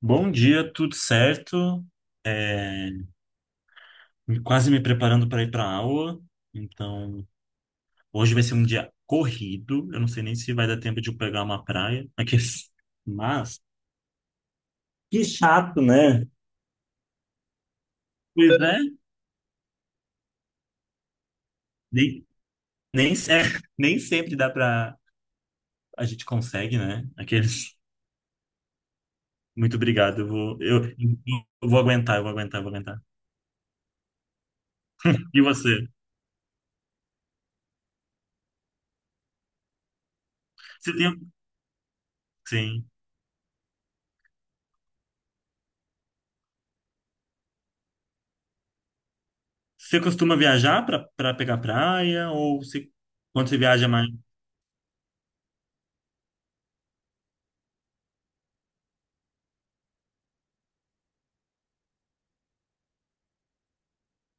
Bom dia, tudo certo? É, quase me preparando para ir para a aula. Então, hoje vai ser um dia corrido. Eu não sei nem se vai dar tempo de eu pegar uma praia. Aqui, mas que chato, né? Pois é. Nem, nem, nem sempre dá para a gente consegue, né? Aqueles. Muito obrigado. Eu vou aguentar, eu vou aguentar, eu vou aguentar. E você? Você tem, sim. Você costuma viajar para pegar praia ou você, quando você viaja mais?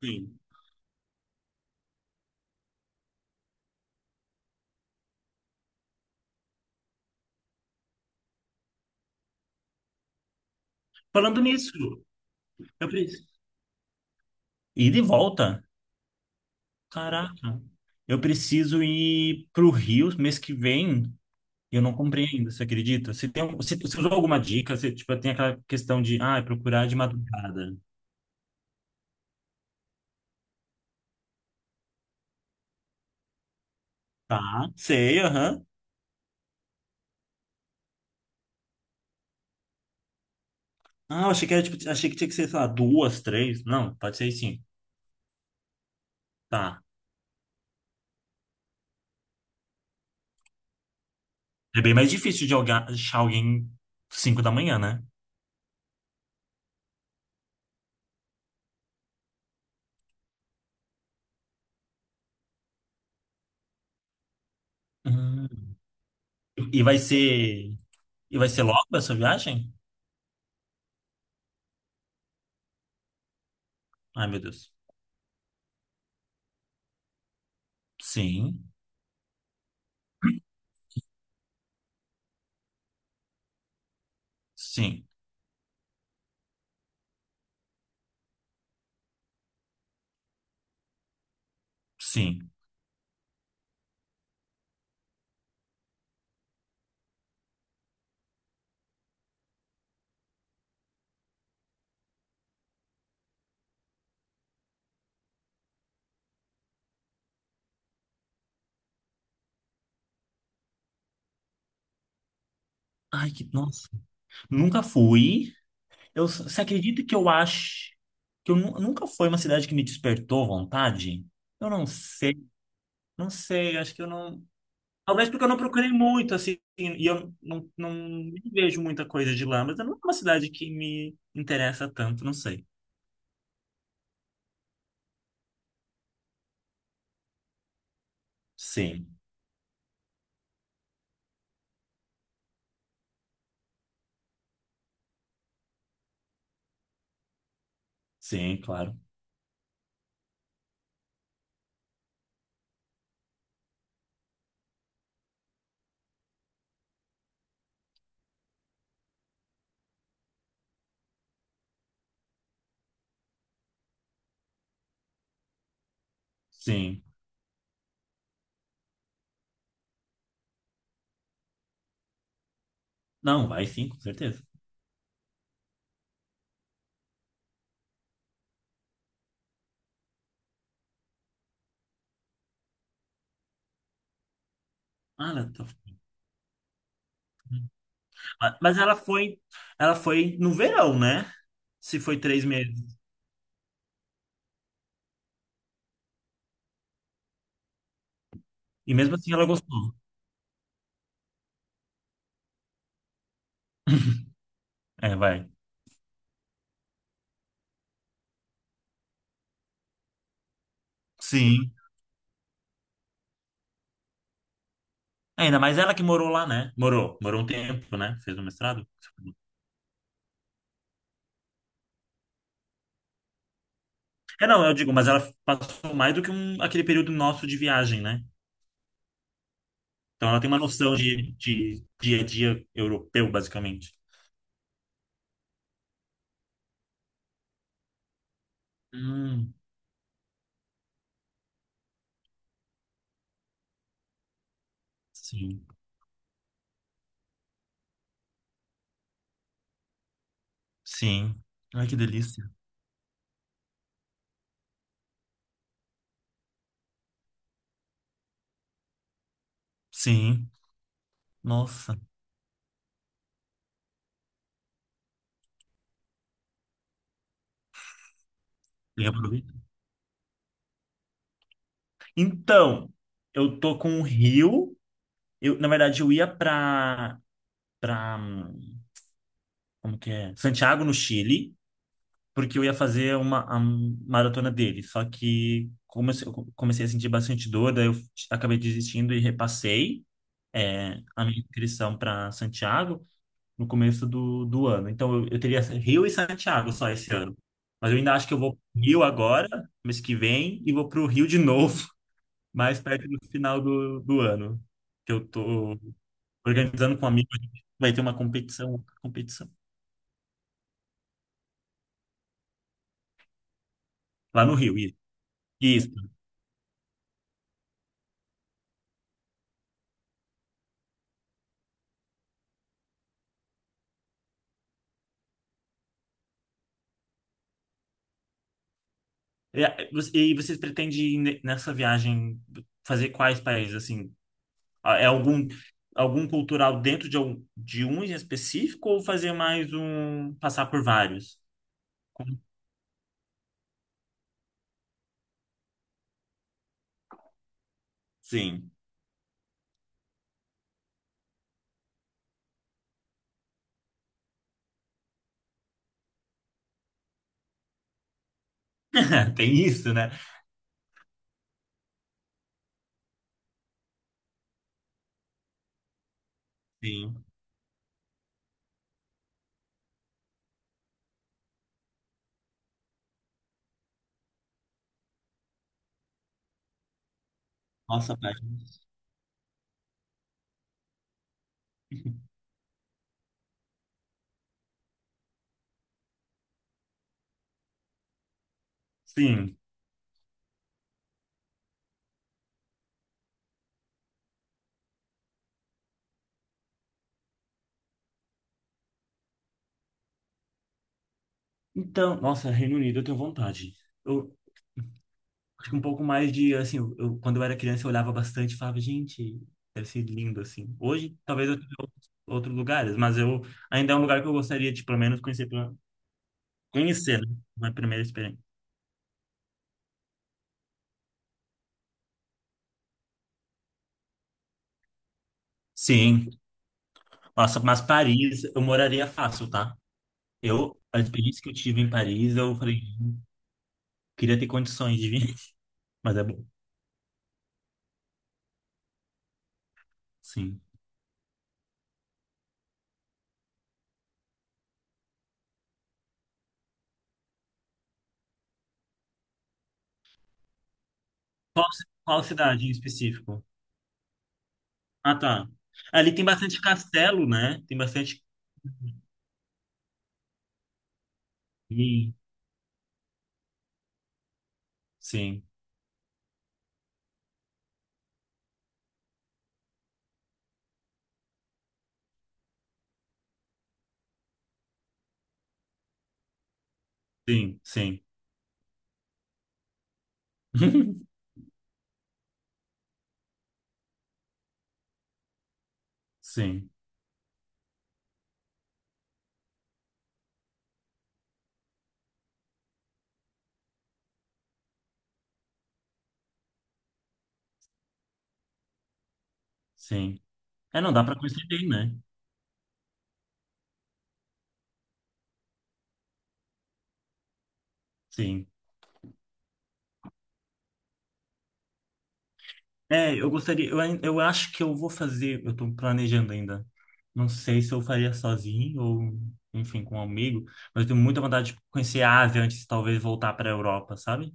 Sim. Falando nisso, eu preciso ir de volta. Caraca. Eu preciso ir pro Rio mês que vem. E eu não comprei ainda, você acredita? Você usou alguma dica? Você, tipo, tem aquela questão de, é procurar de madrugada. Tá, sei, aham. Ah, eu achei que era, tipo, achei que tinha que ser, sei lá, duas, três. Não, pode ser sim. Tá. É bem mais difícil de achar alguém 5 da manhã, né? Hum. E vai ser, e vai ser logo essa viagem? Ai, meu Deus. Sim, sim, sim. Ai, que nossa. Nunca fui. Você acredita que eu acho que nunca foi uma cidade que me despertou vontade? Eu não sei. Não sei, acho que eu não. Talvez porque eu não procurei muito, assim, e eu não, nem vejo muita coisa de lá, mas não é uma cidade que me interessa tanto, não sei. Sim, sim, claro. Sim. Não, vai sim, com certeza. Ah, ela tá- Ah, mas ela foi no verão, né? Se foi 3 meses. E mesmo assim ela gostou. É, vai. Sim. É, ainda mais ela que morou lá, né? Morou, morou um tempo, né? Fez um mestrado. É, não, eu digo, mas ela passou mais do que um, aquele período nosso de viagem, né? Então ela tem uma noção de dia a dia europeu, basicamente. Hum, sim, sim. Ai, que delícia. Sim, nossa. E aproveita. Então, eu tô com o Rio. Eu, na verdade, eu ia pra, como que é? Santiago, no Chile. Porque eu ia fazer uma a maratona dele. Só que comecei a sentir bastante dor, daí eu acabei desistindo e repassei a minha inscrição para Santiago no começo do ano. Então eu teria Rio e Santiago só esse ano. Mas eu ainda acho que eu vou pro Rio agora, mês que vem, e vou para o Rio de novo, mais perto do final do ano. Que eu tô organizando com um amigo, vai ter uma competição lá no Rio. Isso. E e vocês pretendem nessa viagem fazer quais países? Assim, ah, é algum cultural dentro de um em específico ou fazer mais um passar por vários? Como- Sim, tem isso, né? Sim. Nossa, página. Sim. Então, nossa, Reino Unido, eu tenho vontade. Eu acho que um pouco mais de, assim, eu, quando eu era criança, eu olhava bastante e falava, gente, deve ser lindo, assim. Hoje, talvez outros lugares, mas eu ainda é um lugar que eu gostaria de, pelo menos, conhecer. Conhecer, né? Foi a primeira experiência. Sim. Nossa, mas Paris eu moraria fácil, tá? Eu, a experiência que eu tive em Paris, eu falei, queria ter condições de vir, mas é bom. Sim. Qual cidade em específico? Ah, tá. Ali tem bastante castelo, né? Tem bastante. Sim, sim, sim. Sim, sim, sim. É, não dá pra conhecer bem, né? Sim. É, eu gostaria, eu acho que eu vou fazer, eu tô planejando ainda. Não sei se eu faria sozinho ou, enfim, com um amigo, mas eu tenho muita vontade de conhecer a Ásia antes de talvez voltar para a Europa, sabe?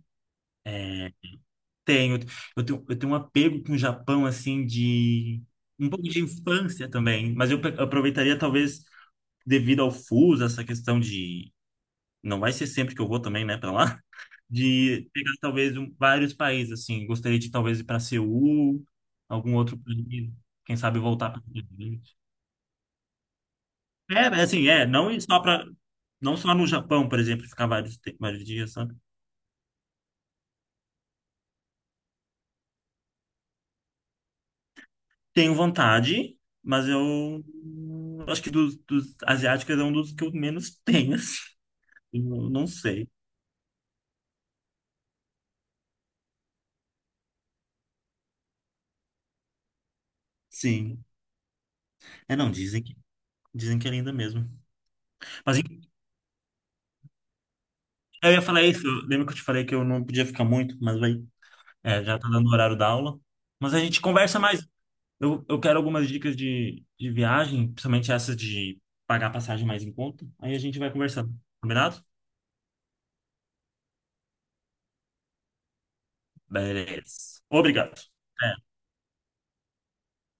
Tenho, eu tenho um apego com o Japão, assim, de um pouco de infância também, mas aproveitaria talvez devido ao fuso, essa questão de não vai ser sempre que eu vou também, né, para lá, de pegar talvez vários países, assim, gostaria de talvez ir para Seul, algum outro país, quem sabe voltar para. É, é assim, não ir só para não só no Japão, por exemplo, ficar vários dias, sabe? Tenho vontade, mas eu acho que dos asiáticos é um dos que eu menos tenho, assim. Eu não sei. Sim. É, não, dizem que é linda mesmo. Mas em- eu ia falar isso, lembra que eu te falei que eu não podia ficar muito, mas vai. É, já tá dando o horário da aula. Mas a gente conversa mais. Eu quero algumas dicas de viagem, principalmente essas de pagar passagem mais em conta. Aí a gente vai conversando. Combinado? Beleza. Obrigado. Até.